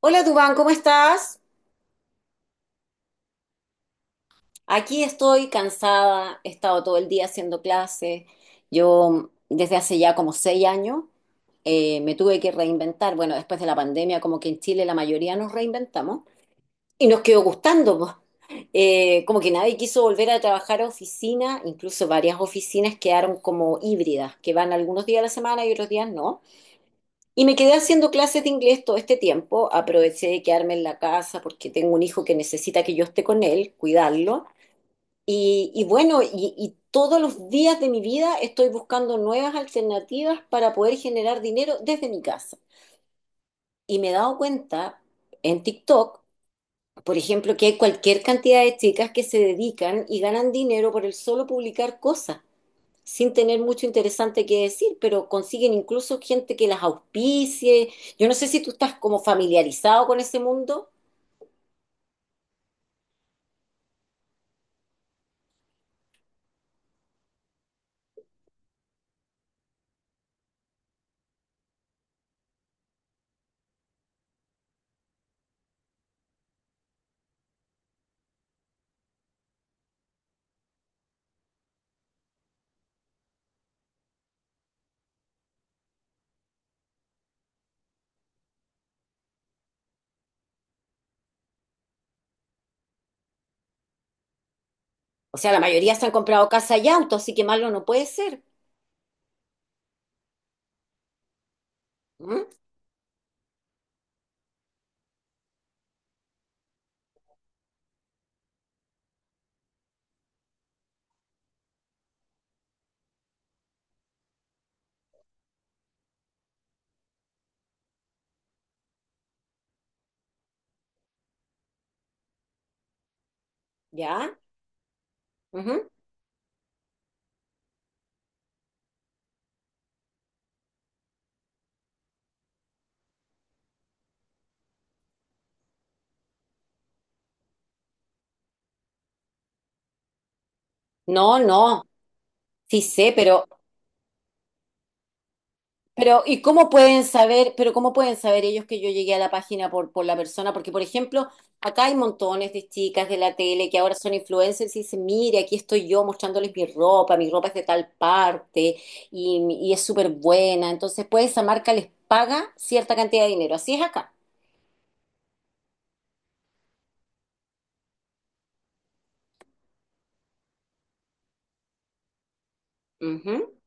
Hola Dubán, ¿cómo estás? Aquí estoy cansada, he estado todo el día haciendo clases. Yo desde hace ya como 6 años me tuve que reinventar. Bueno, después de la pandemia, como que en Chile la mayoría nos reinventamos y nos quedó gustando, po. Como que nadie quiso volver a trabajar a oficina, incluso varias oficinas quedaron como híbridas, que van algunos días a la semana y otros días no. Y me quedé haciendo clases de inglés todo este tiempo. Aproveché de quedarme en la casa porque tengo un hijo que necesita que yo esté con él, cuidarlo. Y bueno, y todos los días de mi vida estoy buscando nuevas alternativas para poder generar dinero desde mi casa. Y me he dado cuenta en TikTok, por ejemplo, que hay cualquier cantidad de chicas que se dedican y ganan dinero por el solo publicar cosas sin tener mucho interesante que decir, pero consiguen incluso gente que las auspicie. Yo no sé si tú estás como familiarizado con ese mundo. O sea, la mayoría se han comprado casa y auto, así que malo no puede ser. ¿Mm? ¿Ya? Ujú. No, no, sí sé, pero. Pero, ¿ cómo pueden saber ellos que yo llegué a la página por la persona? Porque, por ejemplo, acá hay montones de chicas de la tele que ahora son influencers y dicen, mire, aquí estoy yo mostrándoles mi ropa es de tal parte y es súper buena. Entonces, pues esa marca les paga cierta cantidad de dinero. Así es acá. Ujú.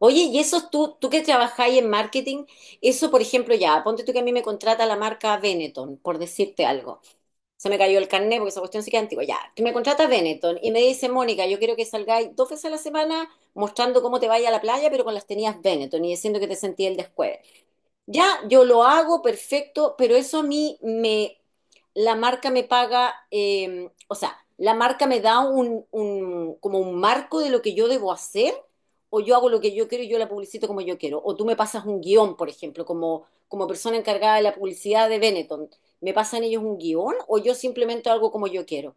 Oye, y eso tú que trabajáis en marketing, eso, por ejemplo, ya, ponte tú que a mí me contrata la marca Benetton, por decirte algo. Se me cayó el carnet porque esa cuestión sí que es antigua. Ya, que me contrata Benetton y me dice, Mónica, yo quiero que salgáis dos veces a la semana mostrando cómo te vaya a la playa, pero con las tenías Benetton y diciendo que te sentí el descueve. Ya, yo lo hago, perfecto, pero eso a mí me, la marca me paga, o sea, la marca me da como un marco de lo que yo debo hacer, o yo hago lo que yo quiero y yo la publicito como yo quiero, o tú me pasas un guión, por ejemplo, como persona encargada de la publicidad de Benetton, ¿me pasan ellos un guión o yo simplemente hago como yo quiero?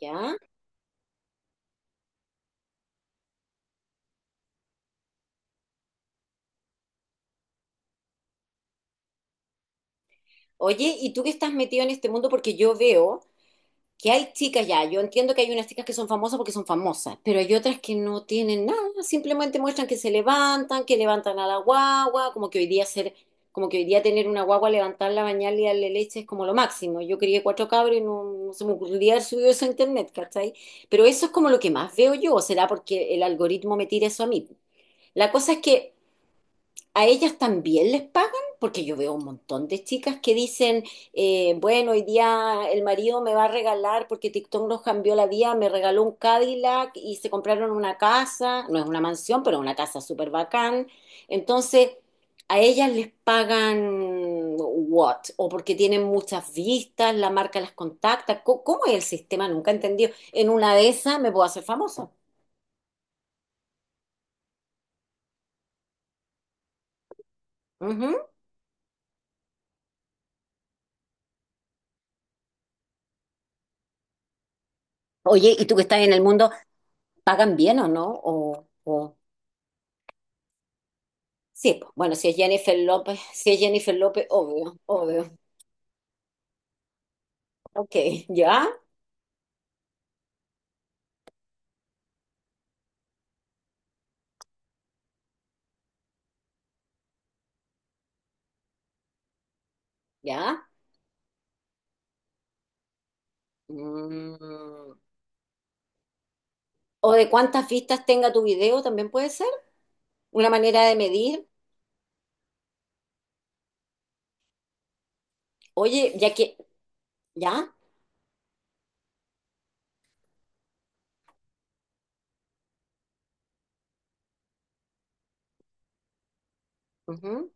¿Ya? Oye, ¿y tú que estás metido en este mundo? Porque yo veo que hay chicas ya, yo entiendo que hay unas chicas que son famosas porque son famosas, pero hay otras que no tienen nada, simplemente muestran que se levantan, que levantan a la guagua, como que hoy día tener una guagua, levantarla, bañarla y darle leche es como lo máximo. Yo crié cuatro cabros y no, no se me ocurría haber subido eso a internet, ¿cachai? Pero eso es como lo que más veo yo, o será porque el algoritmo me tira eso a mí. La cosa es que, ¿a ellas también les pagan? Porque yo veo un montón de chicas que dicen, bueno, hoy día el marido me va a regalar porque TikTok nos cambió la vida, me regaló un Cadillac y se compraron una casa, no es una mansión, pero una casa súper bacán. Entonces, ¿a ellas les pagan what? ¿O porque tienen muchas vistas, la marca las contacta? ¿Cómo es el sistema? Nunca he entendido. En una de esas me puedo hacer famosa. Ujú. Oye, ¿y tú que estás en el mundo, pagan bien o no? Sí, pues, bueno, si es Jennifer López, obvio, obvio. Ok, ya, ya. Mm. O de cuántas vistas tenga tu video también puede ser una manera de medir. Oye, ya, ujú.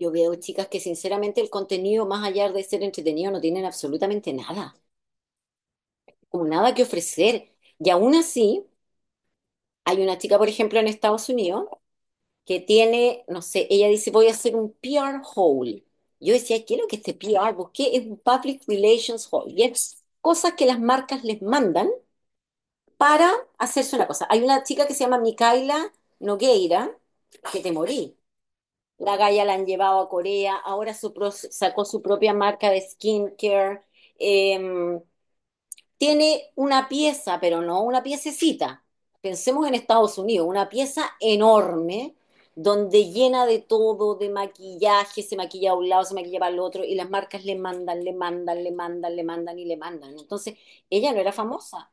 Yo veo chicas que sinceramente el contenido, más allá de ser entretenido, no tienen absolutamente nada, como nada que ofrecer. Y aún así, hay una chica, por ejemplo, en Estados Unidos, que tiene, no sé, ella dice, voy a hacer un p r hole. Yo decía, ¿qué es lo que este p r? Busqué, es un Public Relations Hole. Y es cosas que las marcas les mandan para hacerse una cosa. Hay una chica que se llama Micaela Nogueira, que te morí. La galla la han llevado a Corea, ahora sacó su propia marca de skincare. Eh, Tiene una pieza, pero no una piececita. Pensemos en Estados Unidos, una pieza enorme donde llena de todo, de maquillaje, se maquilla a un lado, se maquilla para el otro, y las marcas le mandan, le mandan, le mandan, le mandan y le mandan. Entonces, ella no era famosa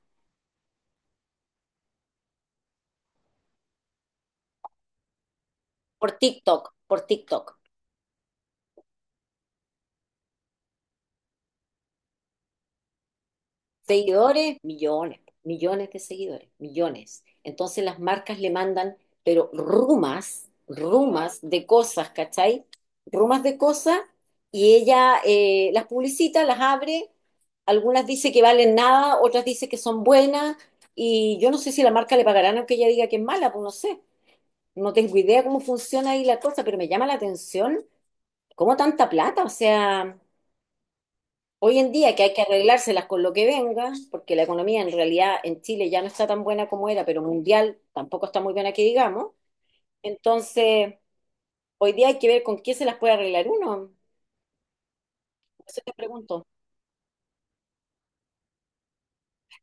por TikTok, por TikTok. Seguidores, millones, millones de seguidores, millones. Entonces las marcas le mandan, pero rumas, rumas de cosas, ¿cachai? Rumas de cosas y ella las publicita, las abre, algunas dice que valen nada, otras dice que son buenas y yo no sé si la marca le pagarán aunque ella diga que es mala, pues no sé. No tengo idea cómo funciona ahí la cosa, pero me llama la atención cómo tanta plata, o sea, hoy en día que hay que arreglárselas con lo que venga, porque la economía en realidad en Chile ya no está tan buena como era, pero mundial tampoco está muy buena que digamos. Entonces, hoy día hay que ver con quién se las puede arreglar uno. Eso te pregunto.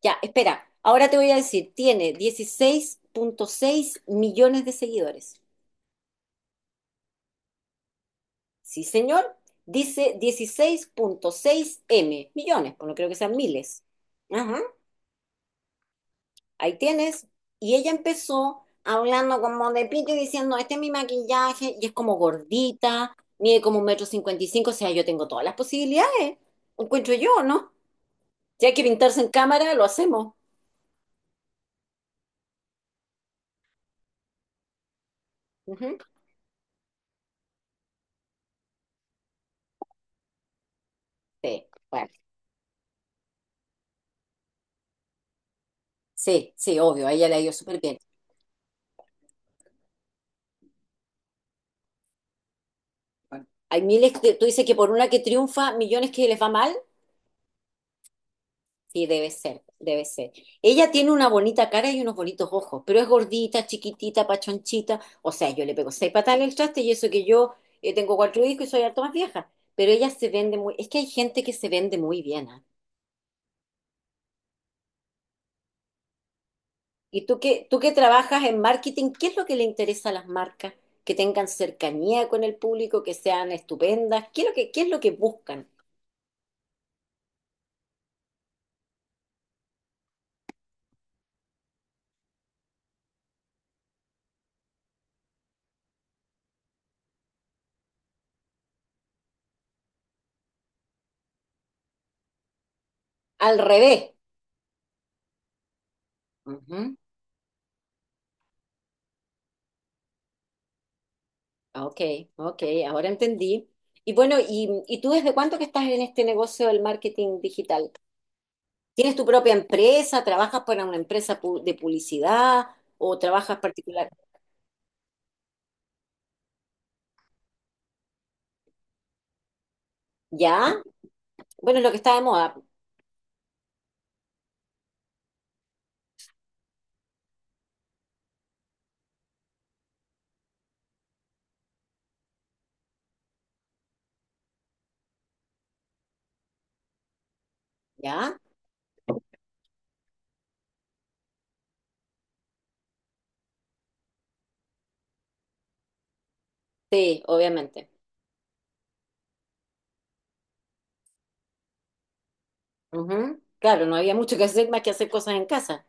Ya, espera, ahora te voy a decir, tiene 16,6 millones de seguidores. Sí, señor, dice 16,6 M, millones, pues no creo que sean miles. Ajá. Ahí tienes. Y ella empezó hablando como de pito y diciendo, este es mi maquillaje, y es como gordita, mide como 1,55 metros, o sea, yo tengo todas las posibilidades, encuentro yo, ¿no? Si hay que pintarse en cámara, lo hacemos. Ujú. Sí, bueno, sí, sí, obvio, a ella le ha ido súper bien. Bueno, hay miles que, tú dices que por una que triunfa, millones que les va mal. Sí, debe ser, debe ser. Ella tiene una bonita cara y unos bonitos ojos, pero es gordita, chiquitita, pachonchita. O sea, yo le pego seis patadas al traste y eso que yo tengo cuatro hijos y soy harto más vieja. Pero ella se vende muy, es que hay gente que se vende muy bien. ¿Ah? Y tú que trabajas en marketing, ¿qué es lo que le interesa a las marcas? Que tengan cercanía con el público, que sean estupendas. ¿Qué es lo que buscan? Al revés. Ujú. Ah, ok, ok, ahora entendí. Y bueno, ¿y tú desde cuánto que estás en este negocio del marketing digital? ¿Tienes tu propia empresa? ¿Trabajas para una empresa de publicidad o trabajas particular? ¿Ya? Bueno, es lo que está de moda. ¿Ya? Sí, obviamente. Ujú. Claro, no había mucho que hacer más que hacer cosas en casa.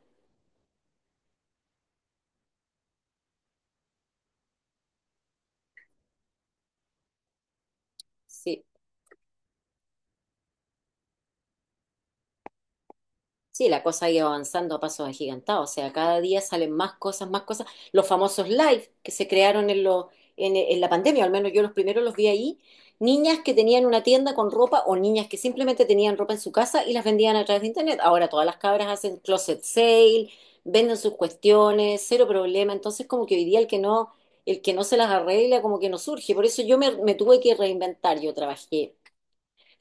Sí. Sí, la cosa ha ido avanzando a pasos agigantados, o sea, cada día salen más cosas, más cosas. Los famosos live que se crearon en la pandemia, al menos yo los primeros los vi ahí, niñas que tenían una tienda con ropa o niñas que simplemente tenían ropa en su casa y las vendían a través de internet. Ahora todas las cabras hacen closet sale, venden sus cuestiones, cero problema. Entonces, como que hoy día el que no, se las arregla, como que no surge. Por eso yo me tuve que reinventar. Yo trabajé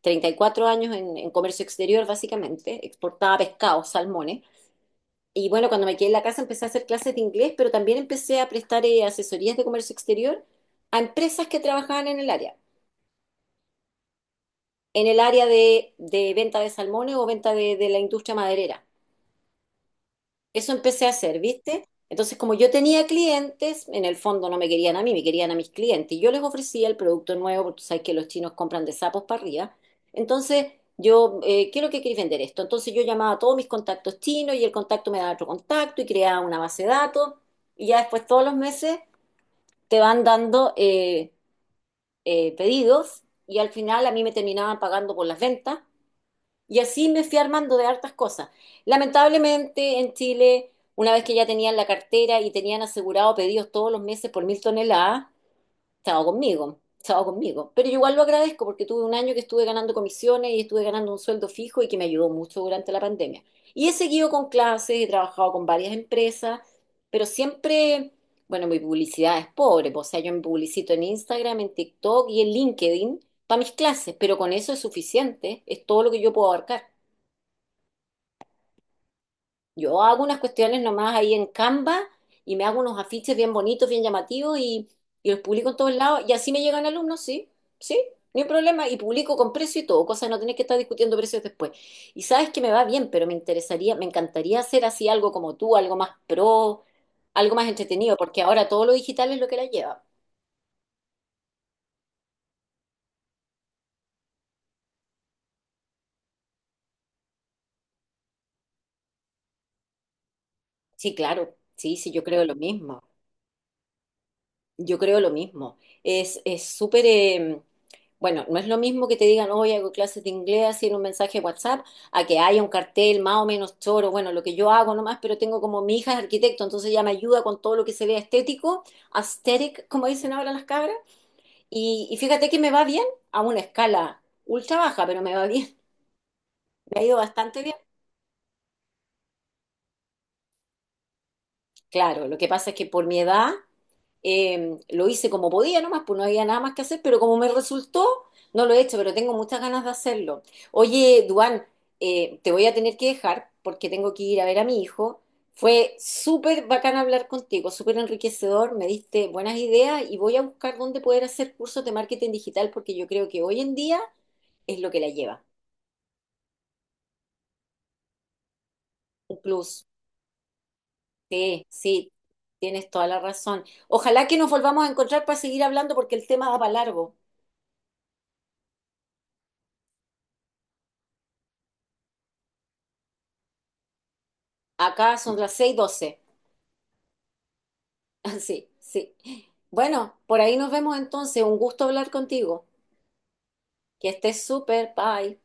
34 años en comercio exterior, básicamente, exportaba pescado, salmones. Y bueno, cuando me quedé en la casa empecé a hacer clases de inglés, pero también empecé a prestar asesorías de comercio exterior a empresas que trabajaban en el área de venta de salmones o venta de la industria maderera. Eso empecé a hacer, ¿viste? Entonces, como yo tenía clientes, en el fondo no me querían a mí, me querían a mis clientes. Y yo les ofrecía el producto nuevo, porque tú sabes que los chinos compran de sapos para arriba. Entonces, yo, ¿qué es lo que queréis vender esto? Entonces, yo llamaba a todos mis contactos chinos y el contacto me daba otro contacto y creaba una base de datos. Y ya después, todos los meses, te van dando pedidos y al final a mí me terminaban pagando por las ventas. Y así me fui armando de hartas cosas. Lamentablemente en Chile, una vez que ya tenían la cartera y tenían asegurado pedidos todos los meses por 1.000 toneladas, estaba conmigo, estaba conmigo. Pero yo igual lo agradezco porque tuve un año que estuve ganando comisiones y estuve ganando un sueldo fijo y que me ayudó mucho durante la pandemia. Y he seguido con clases, he trabajado con varias empresas, pero siempre, bueno, mi publicidad es pobre, pues, o sea, yo me publicito en Instagram, en TikTok y en LinkedIn para mis clases, pero con eso es suficiente, es todo lo que yo puedo abarcar. Yo hago unas cuestiones nomás ahí en Canva y me hago unos afiches bien bonitos, bien llamativos y los publico en todos lados. Y así me llegan alumnos, sí, sí, ni un problema. Y publico con precio y todo, cosa de no tener que estar discutiendo precios después. Y sabes que me va bien, pero me interesaría, me encantaría hacer así algo como tú, algo más pro, algo más entretenido, porque ahora todo lo digital es lo que la lleva. Sí, claro, sí, sí, yo creo lo mismo. Yo creo lo mismo. Es súper, bueno, no es lo mismo que te digan, hoy hago clases de inglés así en un mensaje de WhatsApp, a que haya un cartel más o menos choro, bueno, lo que yo hago nomás, pero tengo como mi hija es arquitecto, entonces ella me ayuda con todo lo que se vea estético, aesthetic, como dicen ahora las cabras. Y fíjate que me va bien a una escala ultra baja, pero me va bien, me ha ido bastante bien. Claro, lo que pasa es que por mi edad lo hice como podía nomás, pues no había nada más que hacer, pero como me resultó, no lo he hecho, pero tengo muchas ganas de hacerlo. Oye, Duan, te voy a tener que dejar porque tengo que ir a ver a mi hijo. Fue súper bacán hablar contigo, súper enriquecedor, me diste buenas ideas y voy a buscar dónde poder hacer cursos de marketing digital porque yo creo que hoy en día es lo que la lleva. Un plus. Sí, sí, tienes toda la razón. Ojalá que nos volvamos a encontrar para seguir hablando porque el tema da para largo. Acá son las 6:12. Ah, sí, sí. Bueno, por ahí nos vemos entonces. Un gusto hablar contigo. Que estés súper. Bye.